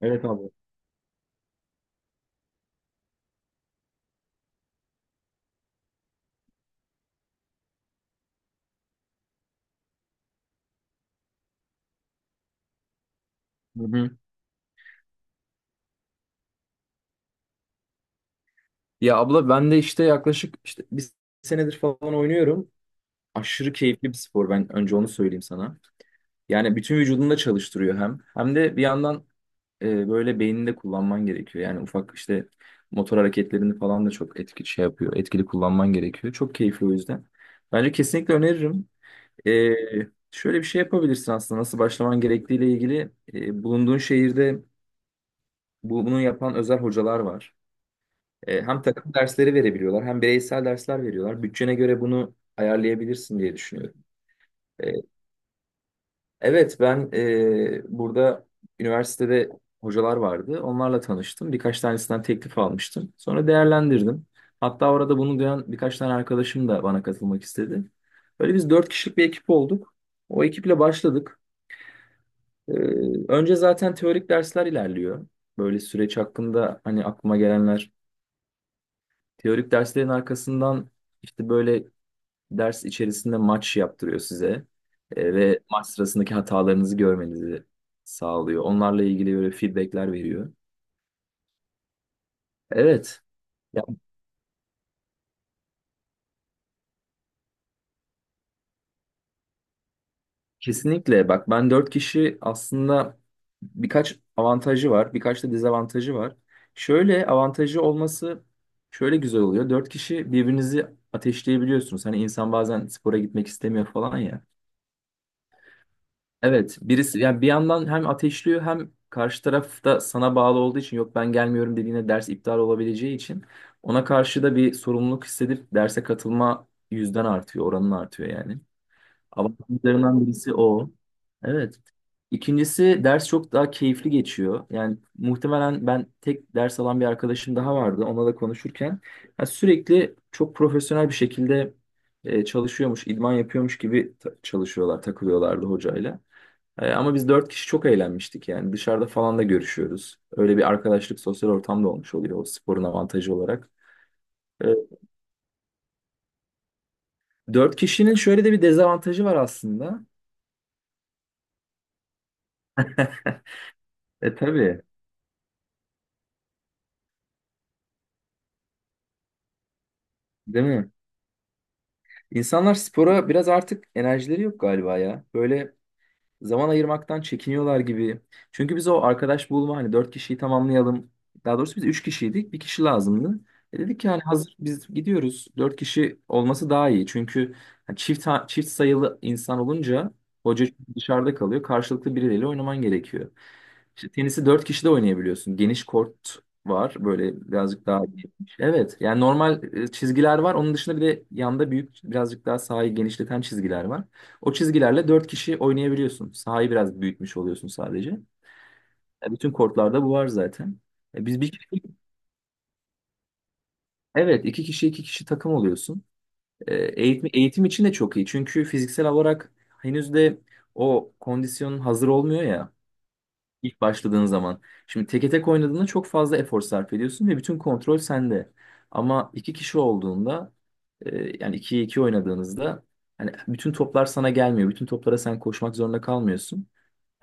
Evet abi. Hı hı. Ya abla ben de işte yaklaşık işte bir senedir falan oynuyorum. Aşırı keyifli bir spor, ben önce onu söyleyeyim sana. Yani bütün vücudunu da çalıştırıyor hem. Hem de bir yandan böyle beynini de kullanman gerekiyor. Yani ufak işte motor hareketlerini falan da çok etki şey yapıyor. Etkili kullanman gerekiyor. Çok keyifli o yüzden. Bence kesinlikle öneririm. E, Şöyle bir şey yapabilirsin aslında nasıl başlaman gerektiğiyle ilgili. Bulunduğun şehirde bunu yapan özel hocalar var. Hem takım dersleri verebiliyorlar hem bireysel dersler veriyorlar. Bütçene göre bunu ayarlayabilirsin diye düşünüyorum. E, evet, ben burada üniversitede hocalar vardı. Onlarla tanıştım. Birkaç tanesinden teklif almıştım. Sonra değerlendirdim. Hatta orada bunu duyan birkaç tane arkadaşım da bana katılmak istedi. Böyle biz dört kişilik bir ekip olduk. O ekiple başladık. E, Önce zaten teorik dersler ilerliyor. Böyle süreç hakkında hani aklıma gelenler. Teorik derslerin arkasından işte böyle ders içerisinde maç yaptırıyor size. Ve maç sırasındaki hatalarınızı görmenizi sağlıyor. Onlarla ilgili böyle feedbackler veriyor. Evet. Ya kesinlikle, bak ben dört kişi aslında birkaç avantajı var, birkaç da dezavantajı var. Şöyle avantajı olması şöyle güzel oluyor. Dört kişi birbirinizi ateşleyebiliyorsunuz. Hani insan bazen spora gitmek istemiyor falan ya. Evet, birisi yani bir yandan hem ateşliyor, hem karşı taraf da sana bağlı olduğu için yok ben gelmiyorum dediğine ders iptal olabileceği için ona karşı da bir sorumluluk hissedip derse katılma yüzden artıyor, oranın artıyor yani. Avantajlarından birisi o. Evet. İkincisi, ders çok daha keyifli geçiyor. Yani muhtemelen ben, tek ders alan bir arkadaşım daha vardı. Onunla da konuşurken ya sürekli çok profesyonel bir şekilde çalışıyormuş, idman yapıyormuş gibi çalışıyorlar, takılıyorlardı hocayla. Ama biz dört kişi çok eğlenmiştik yani, dışarıda falan da görüşüyoruz. Öyle bir arkadaşlık, sosyal ortam da olmuş oluyor o sporun avantajı olarak. E, Dört kişinin şöyle de bir dezavantajı var aslında. E tabii, değil mi? İnsanlar spora biraz artık enerjileri yok galiba ya. Böyle zaman ayırmaktan çekiniyorlar gibi. Çünkü biz o arkadaş bulma hani, dört kişiyi tamamlayalım. Daha doğrusu biz üç kişiydik. Bir kişi lazımdı. Dedik ki hani hazır biz gidiyoruz, dört kişi olması daha iyi. Çünkü hani çift, çift sayılı insan olunca hoca dışarıda kalıyor. Karşılıklı birileriyle oynaman gerekiyor. İşte tenisi dört kişi de oynayabiliyorsun. Geniş kort var. Böyle birazcık daha geniş. Evet. Yani normal çizgiler var. Onun dışında bir de yanda, büyük birazcık daha sahayı genişleten çizgiler var. O çizgilerle 4 kişi oynayabiliyorsun. Sahayı biraz büyütmüş oluyorsun sadece. Bütün kortlarda bu var zaten. E, biz bir kişi, evet, iki kişi iki kişi takım oluyorsun. Eğitim, için de çok iyi. Çünkü fiziksel olarak henüz de o kondisyonun hazır olmuyor ya ilk başladığın zaman. Şimdi teke tek oynadığında çok fazla efor sarf ediyorsun ve bütün kontrol sende. Ama iki kişi olduğunda, yani ikiye iki oynadığınızda, hani bütün toplar sana gelmiyor. Bütün toplara sen koşmak zorunda kalmıyorsun.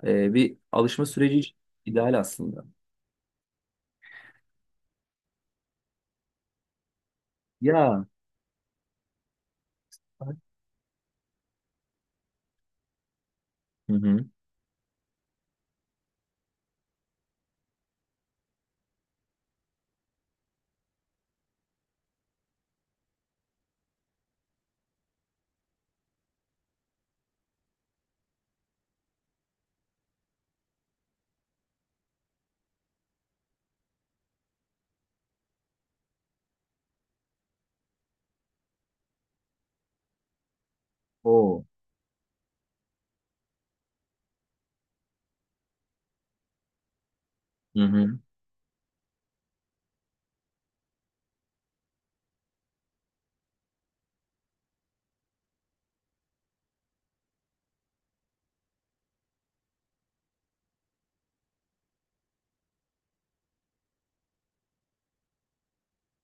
Bir alışma süreci için ideal aslında. Ya. Hı hı. O. Hı hı.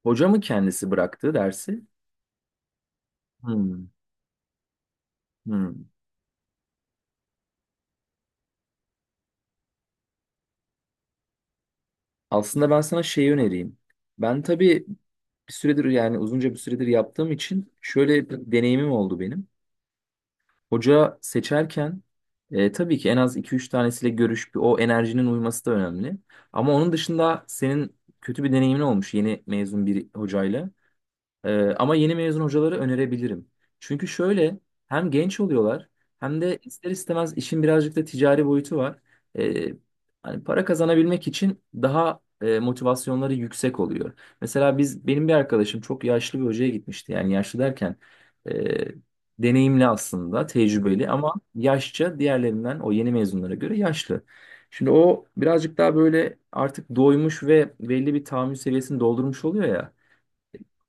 Hoca mı kendisi bıraktı dersi? Hmm, hmm. Aslında ben sana şeyi önereyim. Ben tabii bir süredir, yani uzunca bir süredir yaptığım için şöyle bir deneyimim oldu benim. Hoca seçerken tabii ki en az iki üç tanesiyle görüş, bir o enerjinin uyması da önemli. Ama onun dışında senin kötü bir deneyimin olmuş yeni mezun bir hocayla. Ama yeni mezun hocaları önerebilirim. Çünkü şöyle, hem genç oluyorlar hem de ister istemez işin birazcık da ticari boyutu var. Ee, Hani para kazanabilmek için daha motivasyonları yüksek oluyor. Mesela biz, benim bir arkadaşım çok yaşlı bir hocaya gitmişti. Yani yaşlı derken e, deneyimli aslında, tecrübeli, ama yaşça diğerlerinden, o yeni mezunlara göre yaşlı. Şimdi o birazcık daha böyle artık doymuş ve belli bir tahammül seviyesini doldurmuş oluyor ya,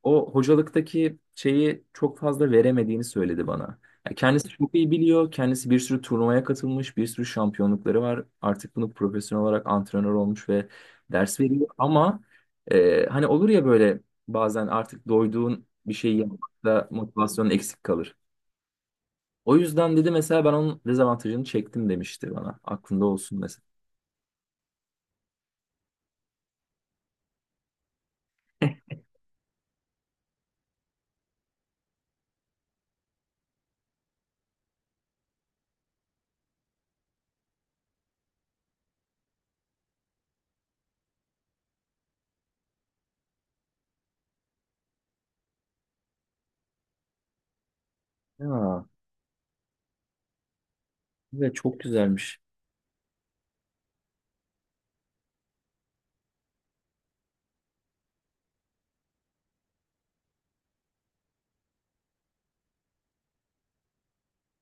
o hocalıktaki şeyi çok fazla veremediğini söyledi bana. Ya kendisi çok iyi biliyor. Kendisi bir sürü turnuvaya katılmış, bir sürü şampiyonlukları var. Artık bunu profesyonel olarak antrenör olmuş ve ders veriyor. Ama hani olur ya böyle, bazen artık doyduğun bir şeyi yapmakta motivasyonun eksik kalır. O yüzden dedi mesela, ben onun dezavantajını çektim, demişti bana. Aklında olsun mesela. Ya, evet çok güzelmiş.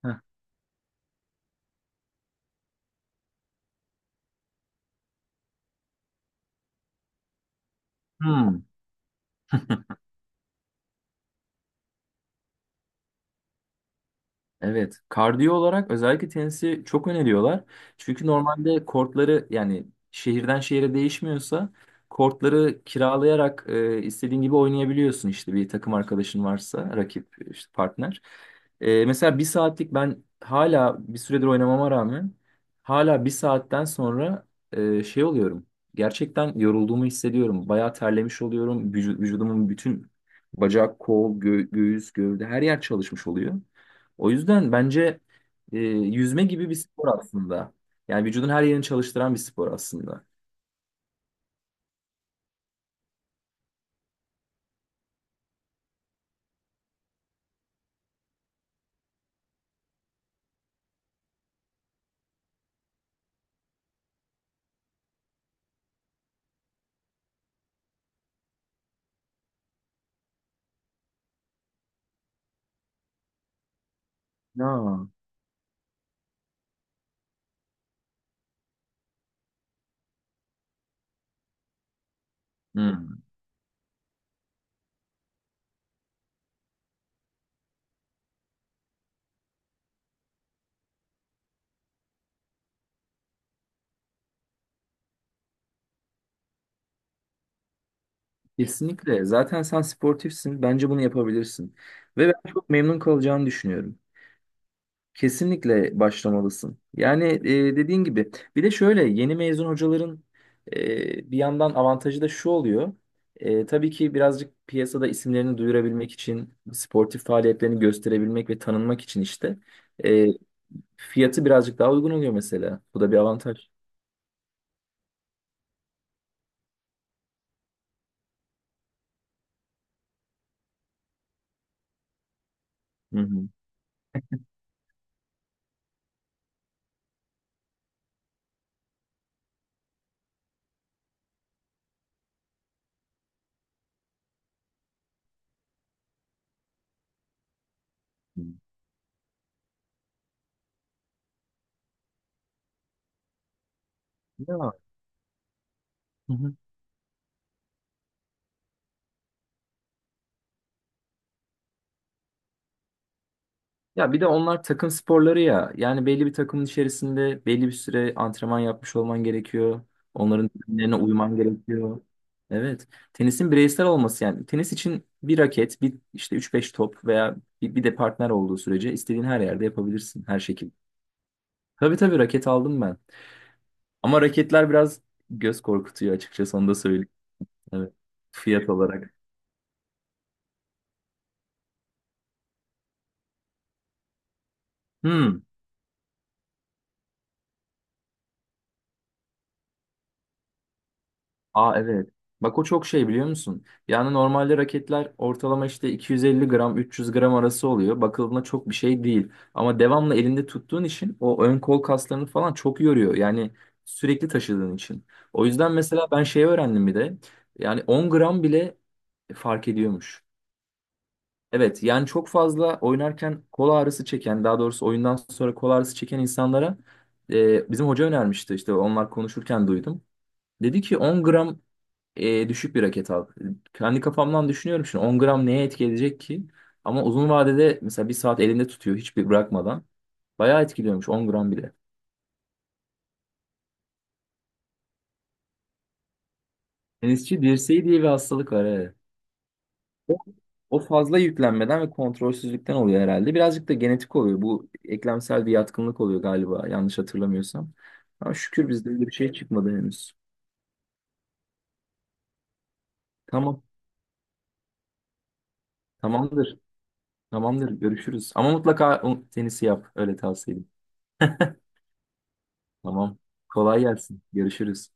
Heh. Hmm. Evet, kardiyo olarak özellikle tenisi çok öneriyorlar. Çünkü normalde kortları, yani şehirden şehire değişmiyorsa, kortları kiralayarak istediğin gibi oynayabiliyorsun, işte bir takım arkadaşın varsa, rakip, işte partner. Mesela bir saatlik, ben hala bir süredir oynamama rağmen hala bir saatten sonra şey oluyorum. Gerçekten yorulduğumu hissediyorum. Bayağı terlemiş oluyorum. Vücudumun bütün, bacak, kol, göğüs, gövde her yer çalışmış oluyor. O yüzden bence yüzme gibi bir spor aslında. Yani vücudun her yerini çalıştıran bir spor aslında. Ya. Hmm. Kesinlikle. Zaten sen sportifsin. Bence bunu yapabilirsin. Ve ben çok memnun kalacağını düşünüyorum. Kesinlikle başlamalısın. Yani dediğin gibi. Bir de şöyle, yeni mezun hocaların bir yandan avantajı da şu oluyor. Tabii ki birazcık piyasada isimlerini duyurabilmek için, sportif faaliyetlerini gösterebilmek ve tanınmak için işte fiyatı birazcık daha uygun oluyor mesela. Bu da bir avantaj. Hı hı. Hı. Ya. Hı hı. Ya bir de onlar takım sporları ya. Yani belli bir takımın içerisinde belli bir süre antrenman yapmış olman gerekiyor. Onların düzenlerine uyman gerekiyor. Evet. Tenisin bireysel olması yani. Tenis için bir raket, bir işte üç beş top veya bir de partner olduğu sürece istediğin her yerde yapabilirsin, her şekilde. Tabii, tabii raket aldım ben. Ama raketler biraz göz korkutuyor açıkçası, onu da söyleyeyim. Evet. Fiyat olarak. Hmm. Aa, evet. Bak o çok şey, biliyor musun? Yani normalde raketler ortalama işte 250 gram 300 gram arası oluyor. Bakıldığında çok bir şey değil. Ama devamlı elinde tuttuğun için o ön kol kaslarını falan çok yoruyor. Yani sürekli taşıdığın için. O yüzden mesela ben şey öğrendim bir de. Yani 10 gram bile fark ediyormuş. Evet, yani çok fazla oynarken kol ağrısı çeken, daha doğrusu oyundan sonra kol ağrısı çeken insanlara bizim hoca önermişti, işte onlar konuşurken duydum. Dedi ki 10 gram düşük bir raket al. Kendi kafamdan düşünüyorum şimdi, 10 gram neye etki edecek ki? Ama uzun vadede mesela bir saat elinde tutuyor, hiçbir bırakmadan. Bayağı etkiliyormuş 10 gram bile. Tenisçi dirseği diye bir hastalık var. Evet. O, o fazla yüklenmeden ve kontrolsüzlükten oluyor herhalde. Birazcık da genetik oluyor. Bu eklemsel bir yatkınlık oluyor galiba, yanlış hatırlamıyorsam. Ama şükür bizde öyle bir şey çıkmadı henüz. Tamam. Tamamdır. Tamamdır, görüşürüz. Ama mutlaka o tenisi yap, öyle tavsiye edeyim. Tamam. Kolay gelsin. Görüşürüz.